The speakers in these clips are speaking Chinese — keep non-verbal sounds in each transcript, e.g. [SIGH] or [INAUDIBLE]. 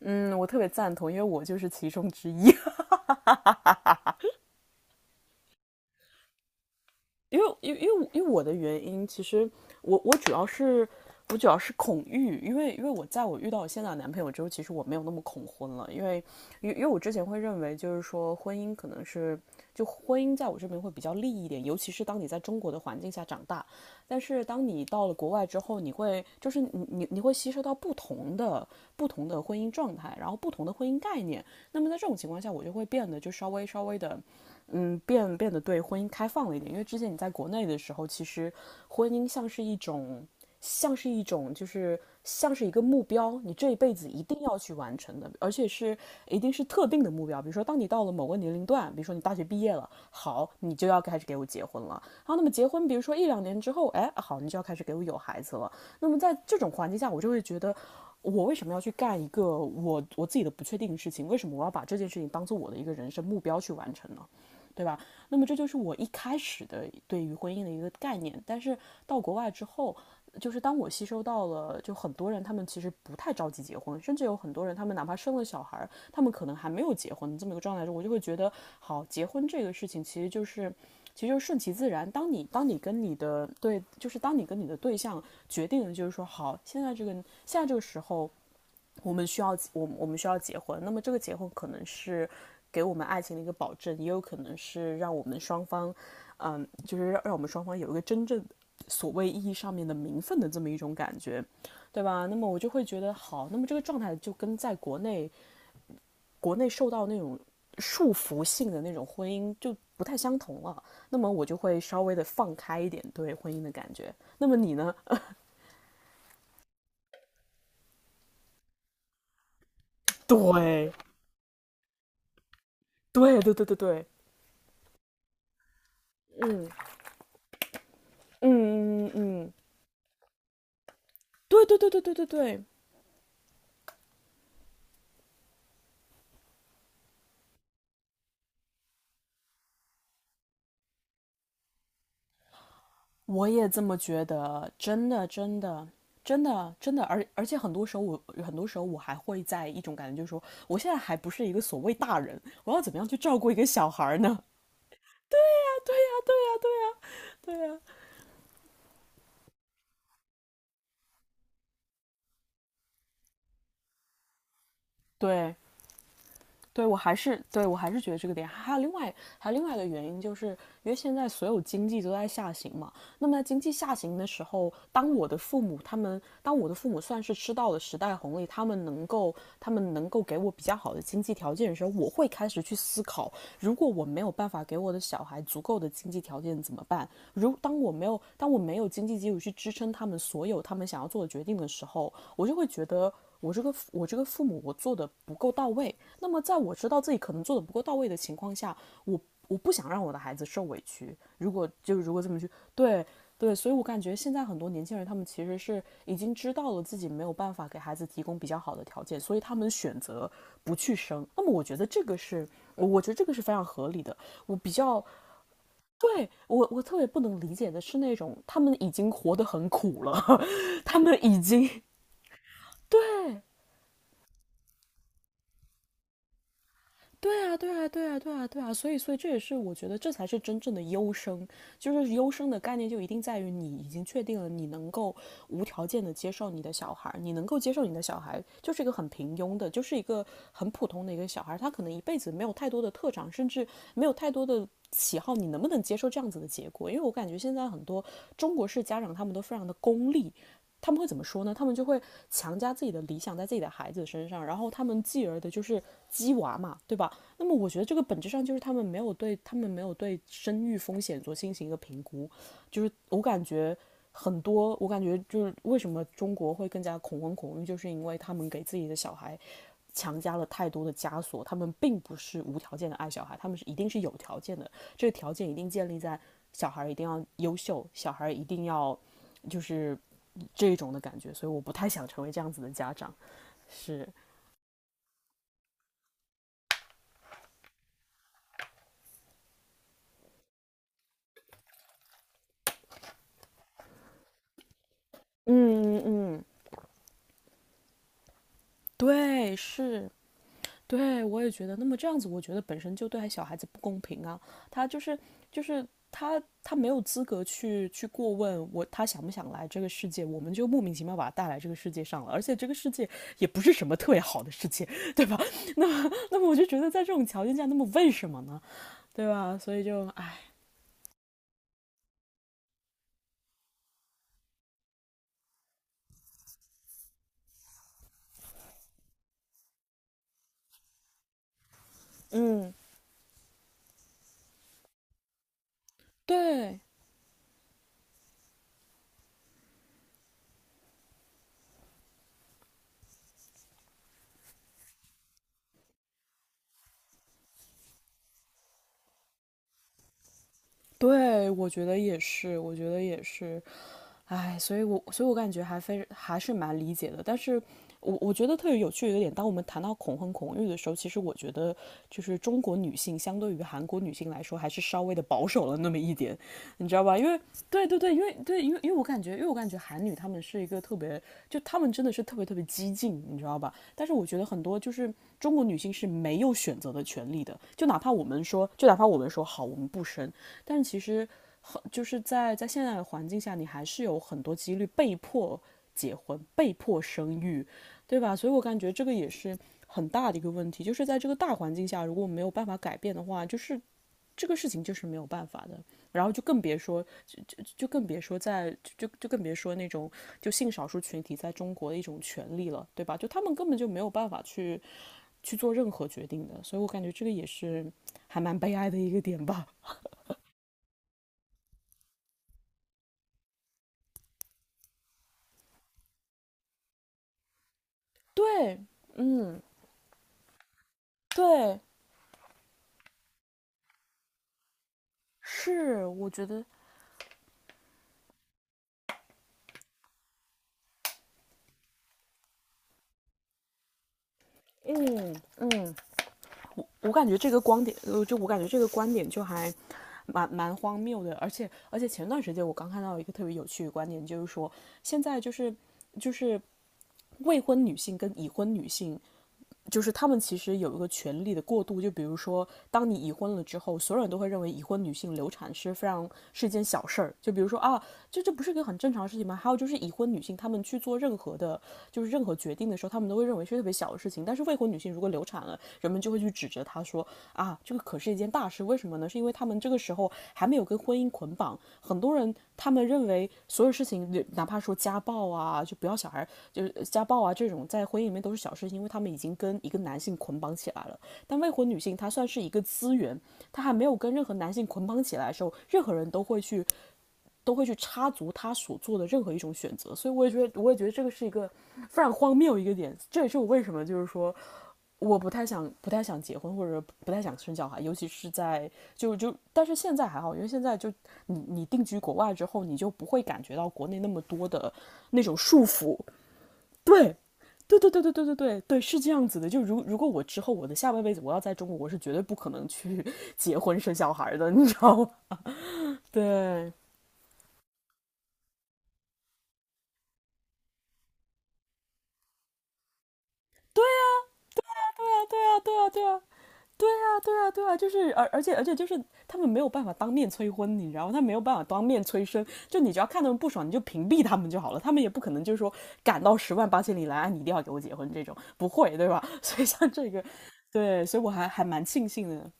嗯，我特别赞同，因为我就是其中之一。[LAUGHS] 因为，我的原因，其实我我主要是我主要是恐育，因为我遇到我现在的男朋友之后，其实我没有那么恐婚了，因为我之前会认为就是说婚姻可能是就婚姻在我这边会比较利一点，尤其是当你在中国的环境下长大，但是当你到了国外之后，你会就是你你你会吸收到不同的婚姻状态，然后不同的婚姻概念，那么在这种情况下，我就会变得就稍微的。变得对婚姻开放了一点，因为之前你在国内的时候，其实婚姻像是一种，像是一种，就是像是一个目标，你这一辈子一定要去完成的，而且是一定是特定的目标。比如说，当你到了某个年龄段，比如说你大学毕业了，好，你就要开始给我结婚了。好，那么结婚，比如说一两年之后，哎，好，你就要开始给我有孩子了。那么在这种环境下，我就会觉得，我为什么要去干一个我自己的不确定的事情？为什么我要把这件事情当做我的一个人生目标去完成呢？对吧？那么这就是我一开始的对于婚姻的一个概念。但是到国外之后，就是当我吸收到了，就很多人他们其实不太着急结婚，甚至有很多人他们哪怕生了小孩他们可能还没有结婚这么一个状态中，我就会觉得，好，结婚这个事情其实就是。其实就是顺其自然。当你跟你的对象决定，就是说好，现在这个时候，我们需要结婚，那么这个结婚可能是给我们爱情的一个保证，也有可能是让我们双方，就是让我们双方有一个真正所谓意义上面的名分的这么一种感觉，对吧？那么我就会觉得好，那么这个状态就跟在国内受到那种束缚性的那种婚姻就不太相同了，那么我就会稍微的放开一点对婚姻的感觉。那么你呢？对，对，对，对，对，对，嗯，嗯，嗯，嗯。对对对对对对对，我也这么觉得，真的真的真的真的，而且很多时候我还会在一种感觉，就是说我现在还不是一个所谓大人，我要怎么样去照顾一个小孩呢？对啊，对，对我还是觉得这个点，还有另外一个原因，就是因为现在所有经济都在下行嘛。那么在经济下行的时候，当我的父母他们，当我的父母算是吃到了时代红利，他们能够给我比较好的经济条件的时候，我会开始去思考如果我没有办法给我的小孩足够的经济条件怎么办？如当我没有当我没有经济基础去支撑他们所有他们想要做的决定的时候，我就会觉得我这个父母我做的不够到位。那么在我知道自己可能做的不够到位的情况下，我我不想让我的孩子受委屈。如果这么去。对，对，所以我感觉现在很多年轻人，他们其实是已经知道了自己没有办法给孩子提供比较好的条件，所以他们选择不去生。那么我觉得这个是非常合理的。我比较对，我特别不能理解的是那种他们已经活得很苦了，[LAUGHS] 他们已经对对啊，对啊，对啊，对啊，对啊，所以这也是我觉得这才是真正的优生，就是优生的概念就一定在于你已经确定了你能够无条件的接受你的小孩，你能够接受你的小孩就是一个很平庸的，就是一个很普通的一个小孩，他可能一辈子没有太多的特长，甚至没有太多的喜好，你能不能接受这样子的结果？因为我感觉现在很多中国式家长他们都非常的功利，他们会怎么说呢？他们就会强加自己的理想在自己的孩子身上，然后他们继而的就是鸡娃嘛，对吧？那么我觉得这个本质上就是他们没有对生育风险进行一个评估，就是我感觉我感觉就是为什么中国会更加恐婚恐育，就是因为他们给自己的小孩强加了太多的枷锁，他们并不是无条件的爱小孩，他们是一定是有条件的，这个条件一定建立在小孩一定要优秀，小孩一定要就是这种的感觉，所以我不太想成为这样子的家长。是，嗯嗯，对，是。对，我也觉得。那么这样子，我觉得本身就对小孩子不公平啊。他就是就是他他没有资格去过问我他想不想来这个世界，我们就莫名其妙把他带来这个世界上了。而且这个世界也不是什么特别好的世界，对吧？[LAUGHS] 那么我就觉得在这种条件下，那么为什么呢？对吧？所以就唉，嗯，对对，我觉得也是，我觉得也是，唉，所以我感觉还非还是蛮理解的，但是我觉得特别有趣的一个点，当我们谈到恐婚恐育的时候，其实我觉得就是中国女性相对于韩国女性来说，还是稍微的保守了那么一点，你知道吧？对对对，对，因为我感觉韩女她们是一个特别，就她们真的是特别特别激进，你知道吧？但是我觉得很多就是中国女性是没有选择的权利的，就哪怕我们说好，我们不生，但是其实。就是在现在的环境下，你还是有很多几率被迫结婚、被迫生育，对吧？所以我感觉这个也是很大的一个问题，就是在这个大环境下，如果没有办法改变的话，就是这个事情就是没有办法的。然后就更别说，就就更别说在就就更别说那种就性少数群体在中国的一种权利了，对吧？就他们根本就没有办法去做任何决定的，所以我感觉这个也是还蛮悲哀的一个点吧。[LAUGHS] 对，嗯，对，是，我觉得，嗯嗯，我感觉这个观点就还蛮荒谬的，而且前段时间我刚看到一个特别有趣的观点，就是说现在就是未婚女性跟已婚女性就是他们其实有一个权力的过渡，就比如说，当你已婚了之后，所有人都会认为已婚女性流产是非常是一件小事儿。就比如说啊，这不是一个很正常的事情吗？还有就是已婚女性，她们去做任何的，就是任何决定的时候，她们都会认为是特别小的事情。但是未婚女性如果流产了，人们就会去指责他说啊，这个可是一件大事，为什么呢？是因为他们这个时候还没有跟婚姻捆绑，很多人他们认为所有事情，哪怕说家暴啊，就不要小孩，就是家暴啊这种在婚姻里面都是小事情，因为他们已经跟一个男性捆绑起来了。但未婚女性她算是一个资源，她还没有跟任何男性捆绑起来的时候，任何人都会去插足她所做的任何一种选择。所以我也觉得这个是一个非常荒谬一个点，这也是我为什么就是说我不太想结婚，或者不太想生小孩，尤其是在但是现在还好，因为现在就你定居国外之后，你就不会感觉到国内那么多的那种束缚。对，对对对对对对对对，是这样子的。如果我之后我的下半辈子我要在中国，我是绝对不可能去 [LAUGHS] 结婚生小孩的，你知道吗？[LAUGHS] 对，对啊对啊对啊对啊，对啊，对啊，对啊，就是而且就是他们没有办法当面催婚，你知道吗？他没有办法当面催生，就你只要看他们不爽，你就屏蔽他们就好了。他们也不可能就是说赶到十万八千里来，啊你一定要给我结婚这种，不会，对吧？[LAUGHS] 所以像这个，对，所以我还蛮庆幸的。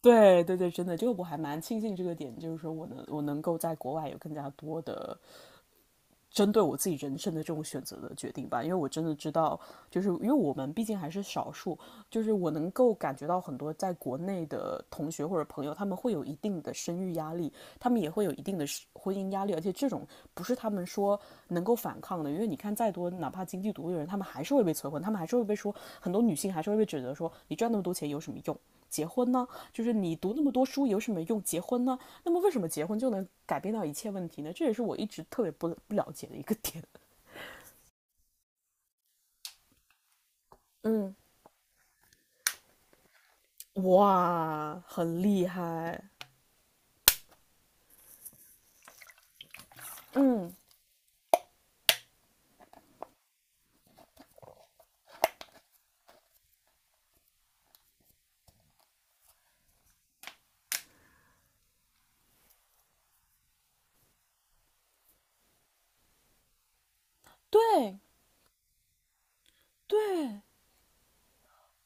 对对对，真的，就我还蛮庆幸这个点，就是说我能够在国外有更加多的针对我自己人生的这种选择的决定吧，因为我真的知道，就是因为我们毕竟还是少数，就是我能够感觉到很多在国内的同学或者朋友，他们会有一定的生育压力，他们也会有一定的婚姻压力，而且这种不是他们说能够反抗的，因为你看再多，哪怕经济独立的人，他们还是会被催婚，他们还是会被说，很多女性还是会被指责说，你赚那么多钱有什么用？结婚呢？就是你读那么多书有什么用？结婚呢？那么为什么结婚就能改变到一切问题呢？这也是我一直特别不了解的一个点。[LAUGHS] 嗯哇，很厉害！嗯，对对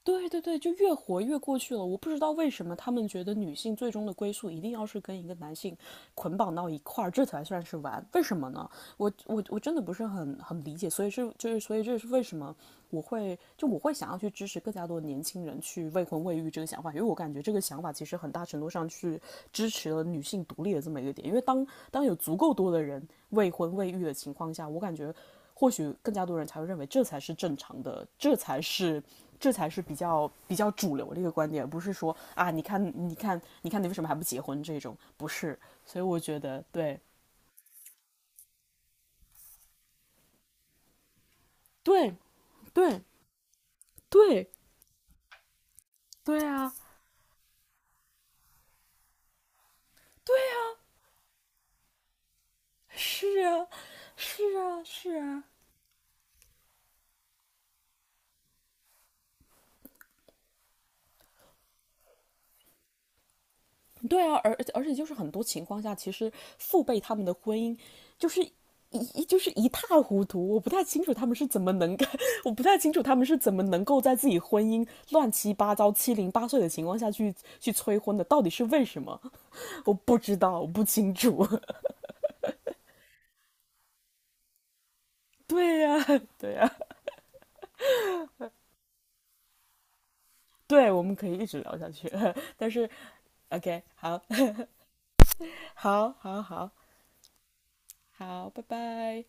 对对对，就越活越过去了。我不知道为什么他们觉得女性最终的归宿一定要是跟一个男性捆绑到一块儿，这才算是完。为什么呢？我真的不是很理解，所以这是为什么我会想要去支持更加多年轻人去未婚未育这个想法，因为我感觉这个想法其实很大程度上去支持了女性独立的这么一个点。因为当有足够多的人未婚未育的情况下，我感觉或许更加多人才会认为这才是正常的，这才是比较主流的一个观点，不是说啊，你看你为什么还不结婚这种，不是。所以我觉得对对对对对啊，是啊。是啊，是啊，对啊，而且就是很多情况下，其实父辈他们的婚姻就是一塌糊涂，我不太清楚他们是怎么能够在自己婚姻乱七八糟、七零八碎的情况下去催婚的，到底是为什么？我不知道，我不清楚。[LAUGHS] 对呀、啊对呀、啊对，我们可以一直聊下去，[LAUGHS] 但是 OK，好，[LAUGHS] 好，好，好，好，拜拜。